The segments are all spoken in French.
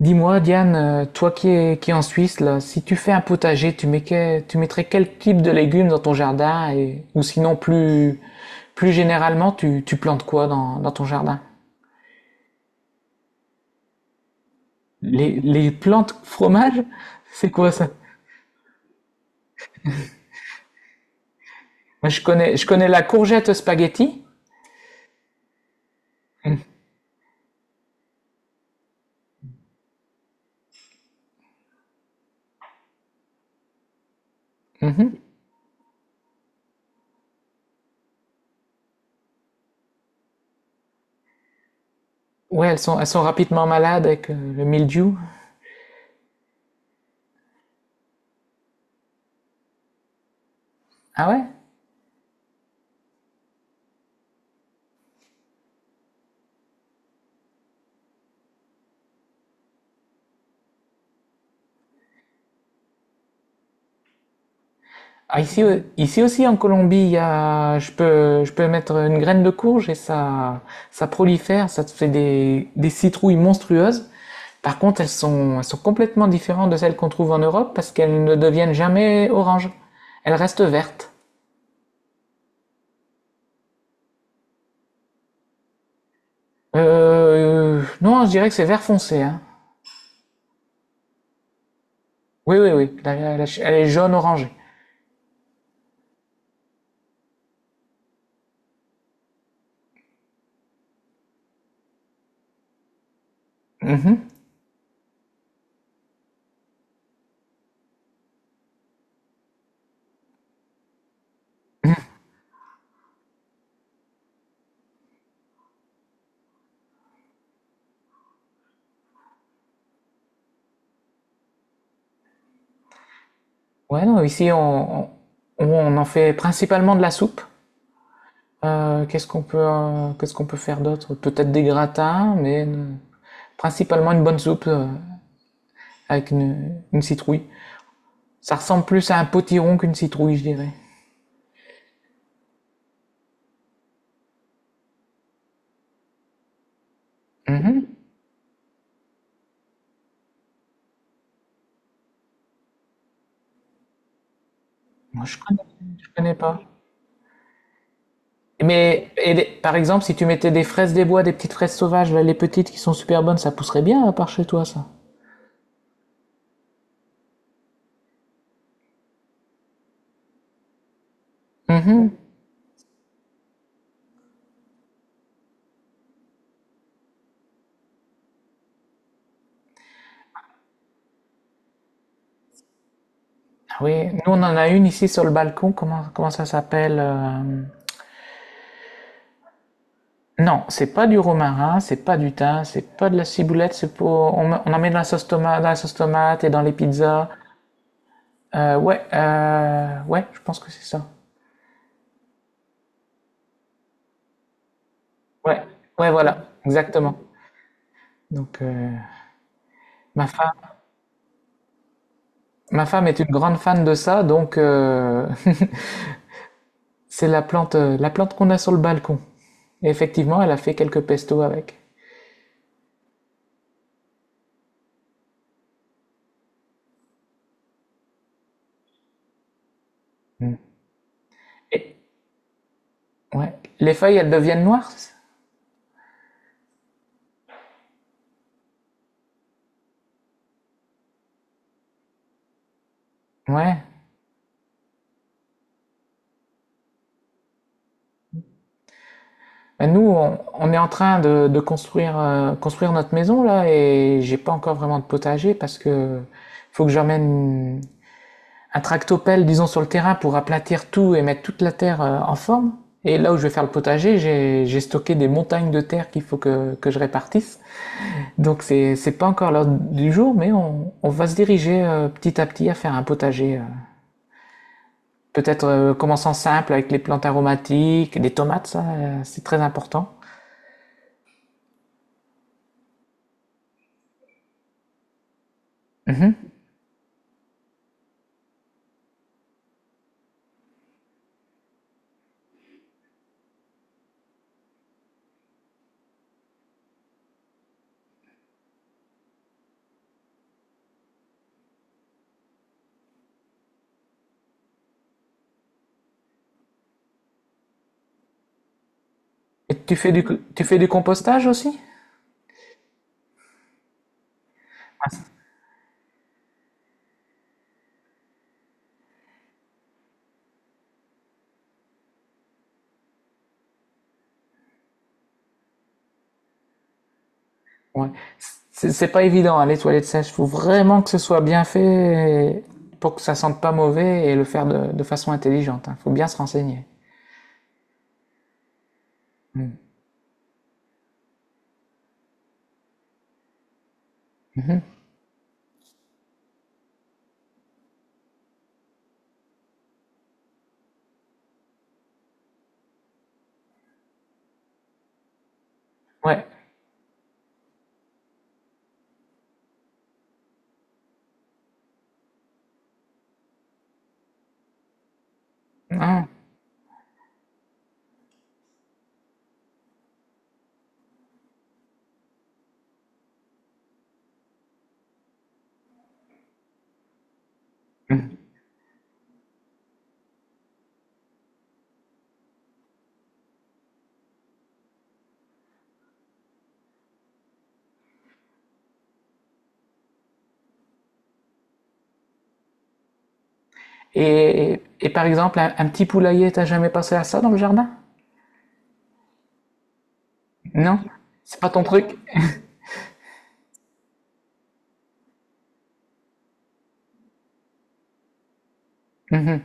Dis-moi, Diane, toi qui es en Suisse, là, si tu fais un potager, tu mettrais quel type de légumes dans ton jardin ou sinon plus généralement, tu plantes quoi dans ton jardin? Les plantes fromage? C'est quoi ça? Moi, je connais la courgette spaghetti. Mhm. Ouais, elles sont rapidement malades avec le mildiou. Ah ouais? Ah, ici, ici aussi en Colombie, il y a, je peux mettre une graine de courge et ça prolifère, ça te fait des citrouilles monstrueuses. Par contre, elles sont complètement différentes de celles qu'on trouve en Europe parce qu'elles ne deviennent jamais oranges. Elles restent vertes. Non, je dirais que c'est vert foncé, hein. Oui, oui, oui. Elle est jaune orangée. Mhm. Ouais, non, ici on en fait principalement de la soupe. Qu'est-ce qu'on peut faire d'autre? Peut-être des gratins, mais principalement une bonne soupe avec une citrouille. Ça ressemble plus à un potiron qu'une citrouille, je dirais. Mhm. Moi, je connais, je connais pas. Mais par exemple, si tu mettais des fraises des bois, des petites fraises sauvages, là, les petites qui sont super bonnes, ça pousserait bien à part chez toi, ça. Mhm. Ah oui, nous on en a une ici sur le balcon. Comment ça s'appelle? Non, c'est pas du romarin, c'est pas du thym, c'est pas de la ciboulette, c'est pour... On en met dans la sauce tomate, dans la sauce tomate et dans les pizzas. Ouais, je pense que c'est ça. Ouais, ouais, voilà, exactement. Donc, euh, ma femme, Ma femme est une grande fan de ça, donc c'est la plante, la plante qu'on a sur le balcon. Et effectivement, elle a fait quelques pestos avec. Mm. Et, ouais. Les feuilles, elles deviennent noires? C'est ça? Ouais. Ben, nous, on est en train de construire notre maison là et j'ai pas encore vraiment de potager parce que faut que j'emmène un tractopelle, disons, sur le terrain pour aplatir tout et mettre toute la terre en forme. Et là où je vais faire le potager, j'ai stocké des montagnes de terre qu'il faut que je répartisse. Donc c'est pas encore l'heure du jour, mais on va se diriger petit à petit à faire un potager. Peut-être commençant simple avec les plantes aromatiques, les tomates, ça c'est très important. Mhm. Et tu fais du compostage aussi? Ouais. C'est pas évident, hein, les toilettes sèches. Faut vraiment que ce soit bien fait pour que ça sente pas mauvais et le faire de façon intelligente. Hein. Faut bien se renseigner. Mm. Mhm. Ouais. Ah. Mm. Et par exemple, un petit poulailler, t'as jamais pensé à ça dans le jardin? Non? C'est pas ton truc? Mhm.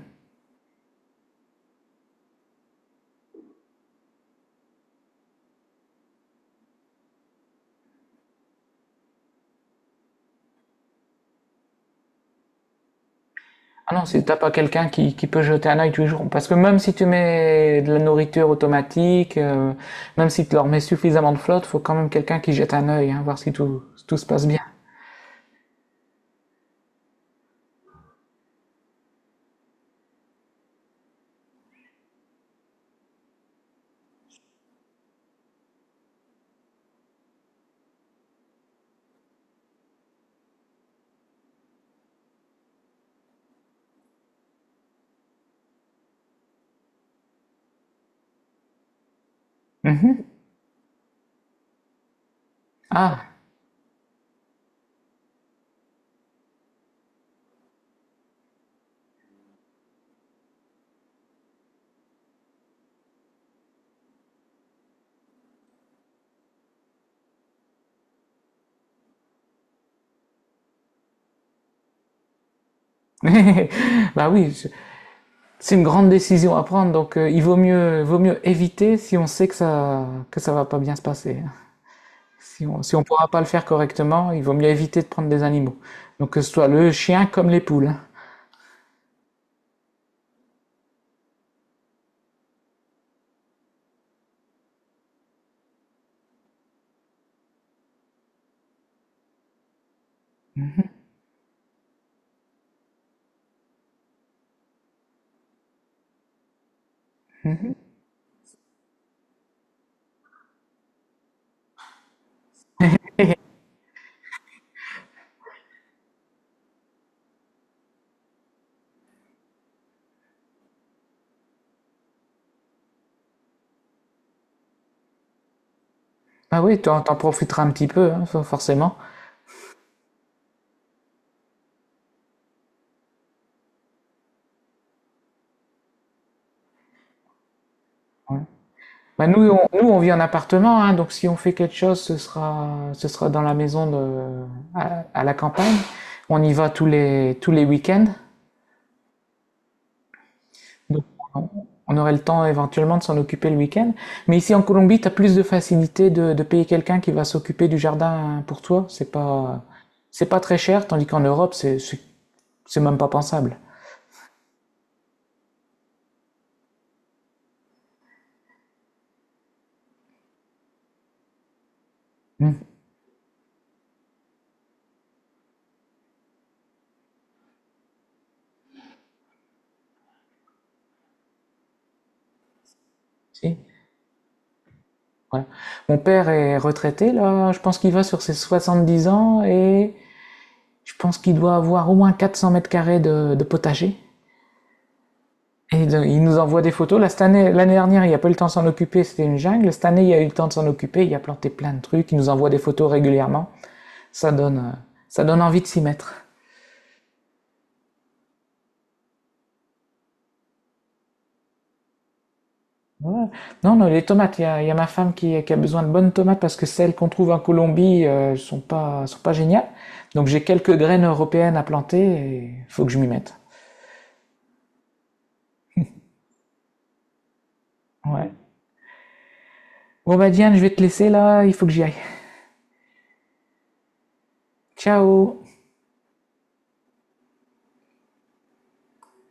Ah non, si t'as pas quelqu'un qui peut jeter un œil tous les jours, parce que même si tu mets de la nourriture automatique, même si tu leur mets suffisamment de flotte, faut quand même quelqu'un qui jette un œil, hein, voir si tout se passe bien. Mhm. Ah, bah oui, c'est une grande décision à prendre, donc il vaut mieux éviter si on sait que ça va pas bien se passer. Hein. Si on, si on pourra pas le faire correctement, il vaut mieux éviter de prendre des animaux. Donc que ce soit le chien comme les poules. Hein. Ah oui, t'en profiteras un petit peu, hein, forcément. Ouais. Bah, nous, on vit en appartement, hein, donc si on fait quelque chose, ce sera dans la maison à la campagne. On y va tous les week-ends, donc on on aurait le temps éventuellement de s'en occuper le week-end. Mais ici en Colombie, tu as plus de facilité de payer quelqu'un qui va s'occuper du jardin pour toi. C'est pas très cher, tandis qu'en Europe, c'est même pas pensable. Hmm. Si. Voilà. Mon père est retraité, là, je pense qu'il va sur ses 70 ans. Et je pense qu'il doit avoir au moins 400 mètres carrés de potager. Et donc, il nous envoie des photos. Là, cette année, l'année dernière, il n'y a pas eu le temps de s'en occuper, c'était une jungle. Cette année, il y a eu le temps de s'en occuper, il a planté plein de trucs, il nous envoie des photos régulièrement. Ça donne, euh, Ça donne envie de s'y mettre. Ouais. Non, non, les tomates, y a ma femme qui a besoin de bonnes tomates parce que celles qu'on trouve en Colombie sont pas géniales. Donc j'ai quelques graines européennes à planter et faut que je m'y mette. Ouais. Bon bah Diane, je vais te laisser là, il faut que j'y aille. Ciao